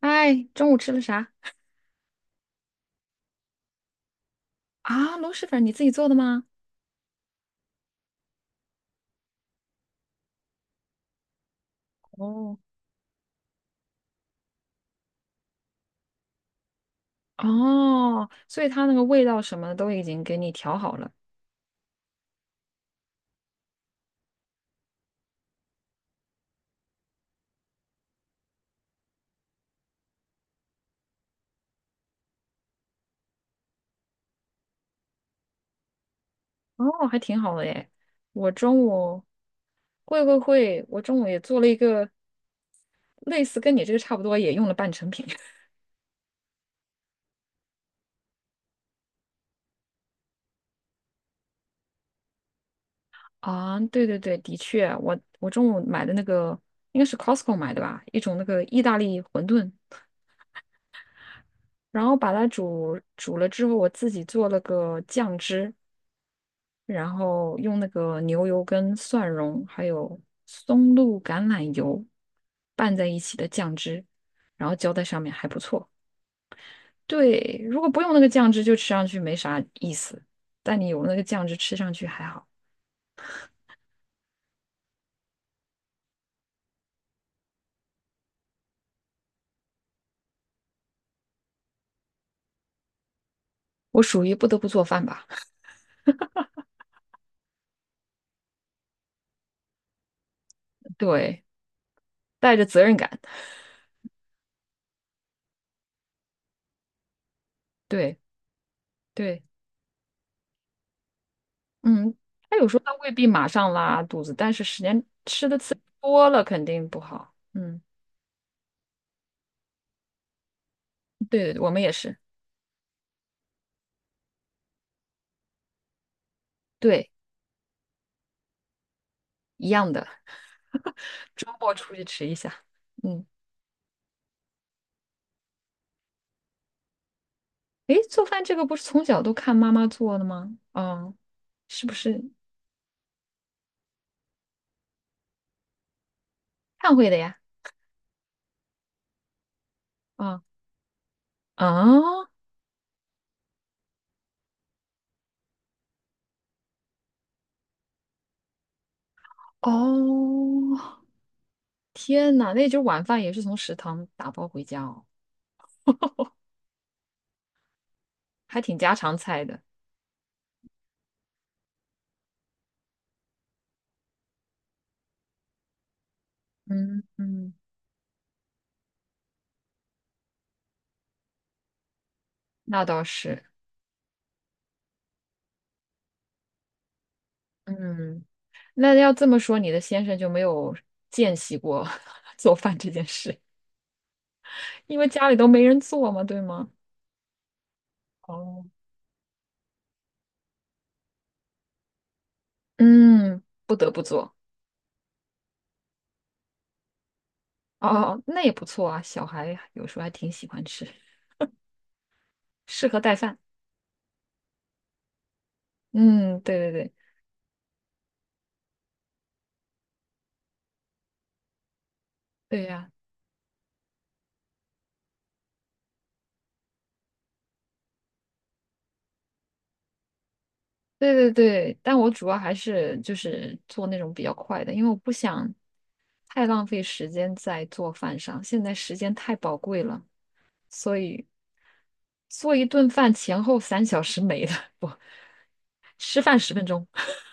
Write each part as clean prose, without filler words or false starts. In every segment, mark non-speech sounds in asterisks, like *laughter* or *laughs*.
哎，中午吃了啥啊？螺蛳粉你自己做的吗？哦哦，所以它那个味道什么的都已经给你调好了。哦，还挺好的耶。我中午会会会，我中午也做了一个类似跟你这个差不多，也用了半成品 *laughs* 啊。对对对，的确，我中午买的那个应该是 Costco 买的吧，一种那个意大利馄饨，然后把它煮了之后，我自己做了个酱汁，然后用那个牛油跟蒜蓉还有松露橄榄油拌在一起的酱汁，然后浇在上面还不错。对，如果不用那个酱汁，就吃上去没啥意思，但你有那个酱汁，吃上去还好。我属于不得不做饭吧，*laughs* 对，带着责任感，对对，嗯，他有时候他未必马上拉肚子，但是时间吃的次数多了肯定不好。嗯，对，我们也是，对，一样的。*laughs* 周末出去吃一下。嗯，诶，做饭这个不是从小都看妈妈做的吗？哦，是不是看会的呀？啊啊哦，天呐，那就是晚饭也是从食堂打包回家哦，还挺家常菜的。嗯嗯，那倒是。嗯，那要这么说，你的先生就没有见习过 *laughs* 做饭这件事，因为家里都没人做嘛，对吗？哦，嗯，不得不做。哦哦，哦，那也不错啊，小孩有时候还挺喜欢吃，适合带饭。嗯，对对对，对呀、对对对。但我主要还是就是做那种比较快的，因为我不想太浪费时间在做饭上，现在时间太宝贵了，所以做一顿饭前后三小时没了，*laughs* 不，吃饭十分钟。*laughs*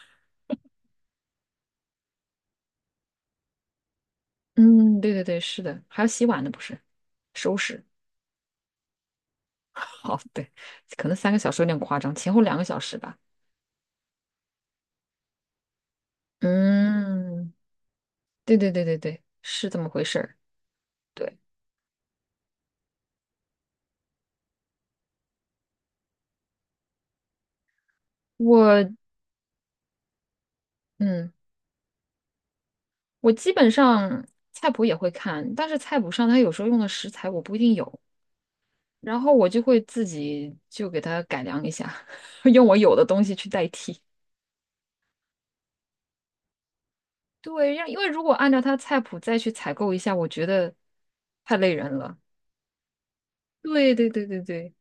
嗯，对对对，是的，还要洗碗呢，不是，收拾。*laughs* 好，对，可能三个小时有点夸张，前后两个小时吧。嗯，对对对对对，是这么回事儿。对，我，嗯，我基本上菜谱也会看，但是菜谱上它有时候用的食材我不一定有，然后我就会自己就给它改良一下，*laughs* 用我有的东西去代替。对，因为如果按照它菜谱再去采购一下，我觉得太累人了。对对对对对，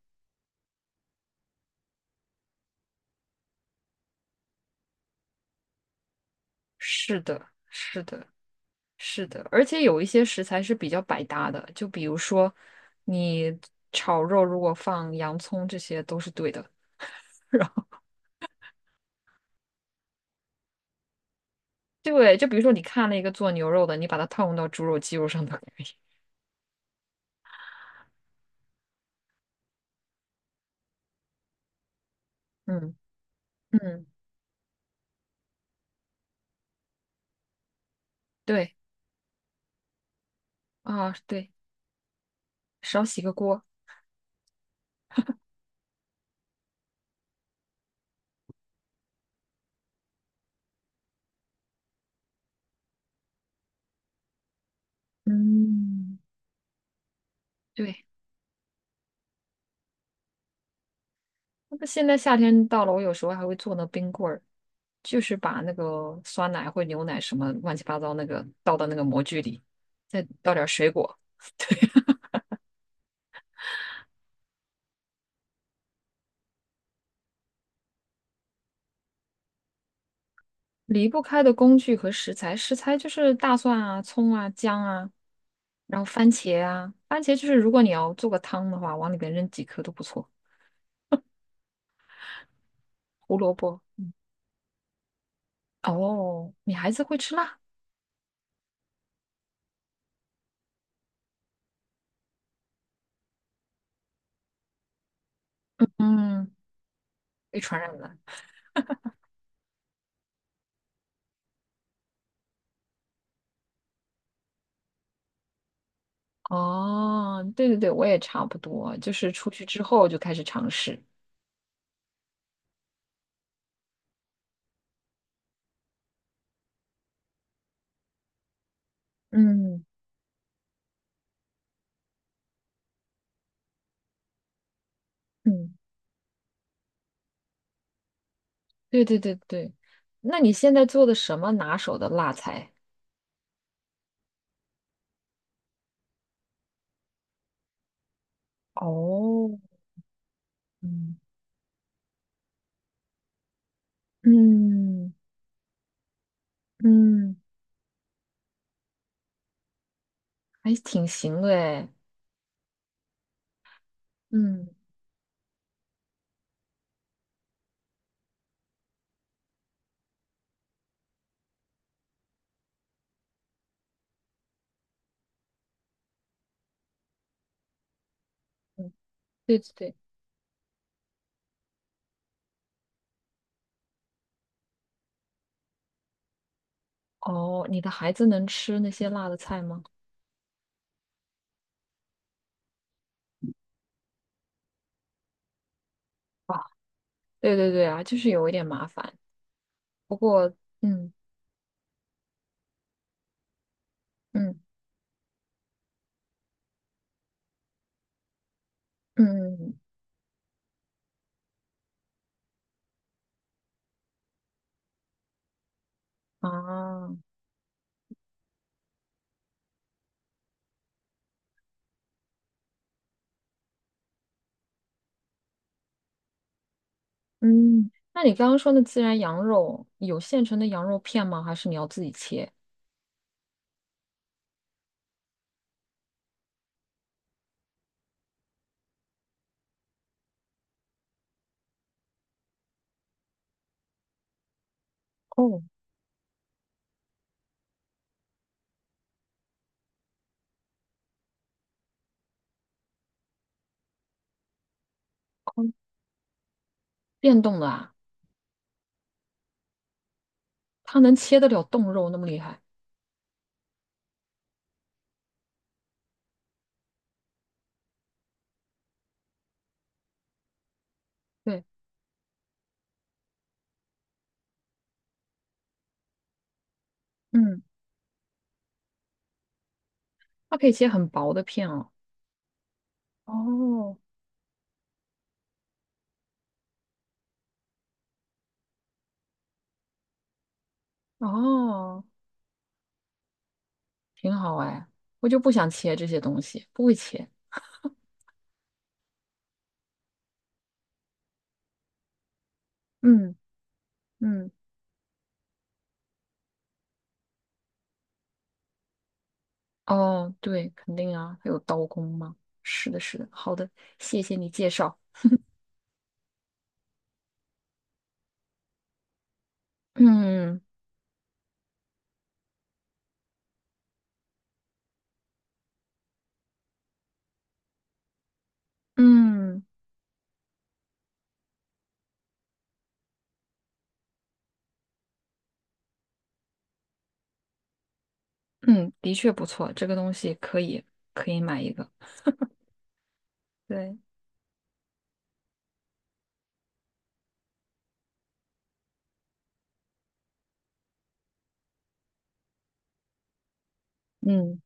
是的，是的。是的，而且有一些食材是比较百搭的，就比如说你炒肉如果放洋葱，这些都是对的。*laughs* 然后对，就比如说你看了一个做牛肉的，你把它套用到猪肉、鸡肉上都可以。嗯嗯，对啊，对，少洗个锅。嗯，对。那现在夏天到了，我有时候还会做那冰棍儿，就是把那个酸奶或牛奶什么乱七八糟那个倒到那个模具里，再倒点儿水果。*laughs* 对。离不开的工具和食材，食材就是大蒜啊、葱啊、姜啊，然后番茄啊，番茄就是如果你要做个汤的话，往里边扔几颗都不错。胡萝卜，哦，你孩子会吃辣，嗯，被传染了。哦，对对对，我也差不多，就是出去之后就开始尝试。嗯嗯，对对对对。那你现在做的什么拿手的辣菜？哦，嗯嗯嗯，还挺行的诶。嗯嗯，对对对。哦，你的孩子能吃那些辣的菜吗？啊，对对对啊，就是有一点麻烦。不过，嗯嗯嗯嗯啊嗯，那你刚刚说的孜然羊肉有现成的羊肉片吗？还是你要自己切？哦哦，电动的啊，它能切得了冻肉那么厉害？对，嗯，它可以切很薄的片哦。哦哦，挺好哎，我就不想切这些东西，不会切。嗯嗯。哦，对，肯定啊，还有刀工吗？是的，是的，好的，谢谢你介绍。嗯嗯嗯，的确不错，这个东西可以买一个。对，嗯，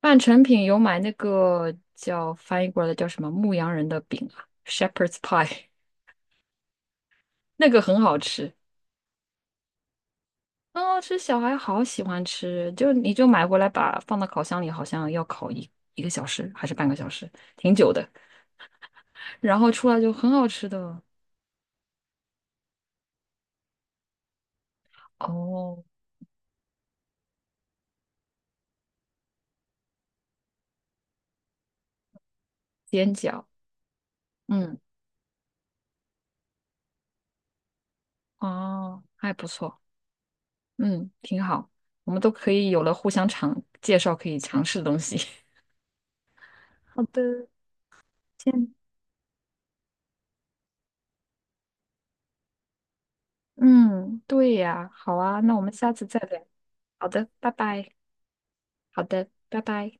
半成品有买那个叫翻译过来叫什么牧羊人的饼啊，Shepherd's Pie，*laughs* 那个很好吃，很好吃，小孩好喜欢吃。就你就买回来把放到烤箱里，好像要烤一个小时还是半个小时，挺久的。然后出来就很好吃的。哦，煎饺，嗯，哦，还不错，嗯，挺好，我们都可以有了互相介绍可以尝试的东西。*laughs* 好的，先，嗯，对呀，好啊，那我们下次再聊。好的，拜拜。好的，拜拜。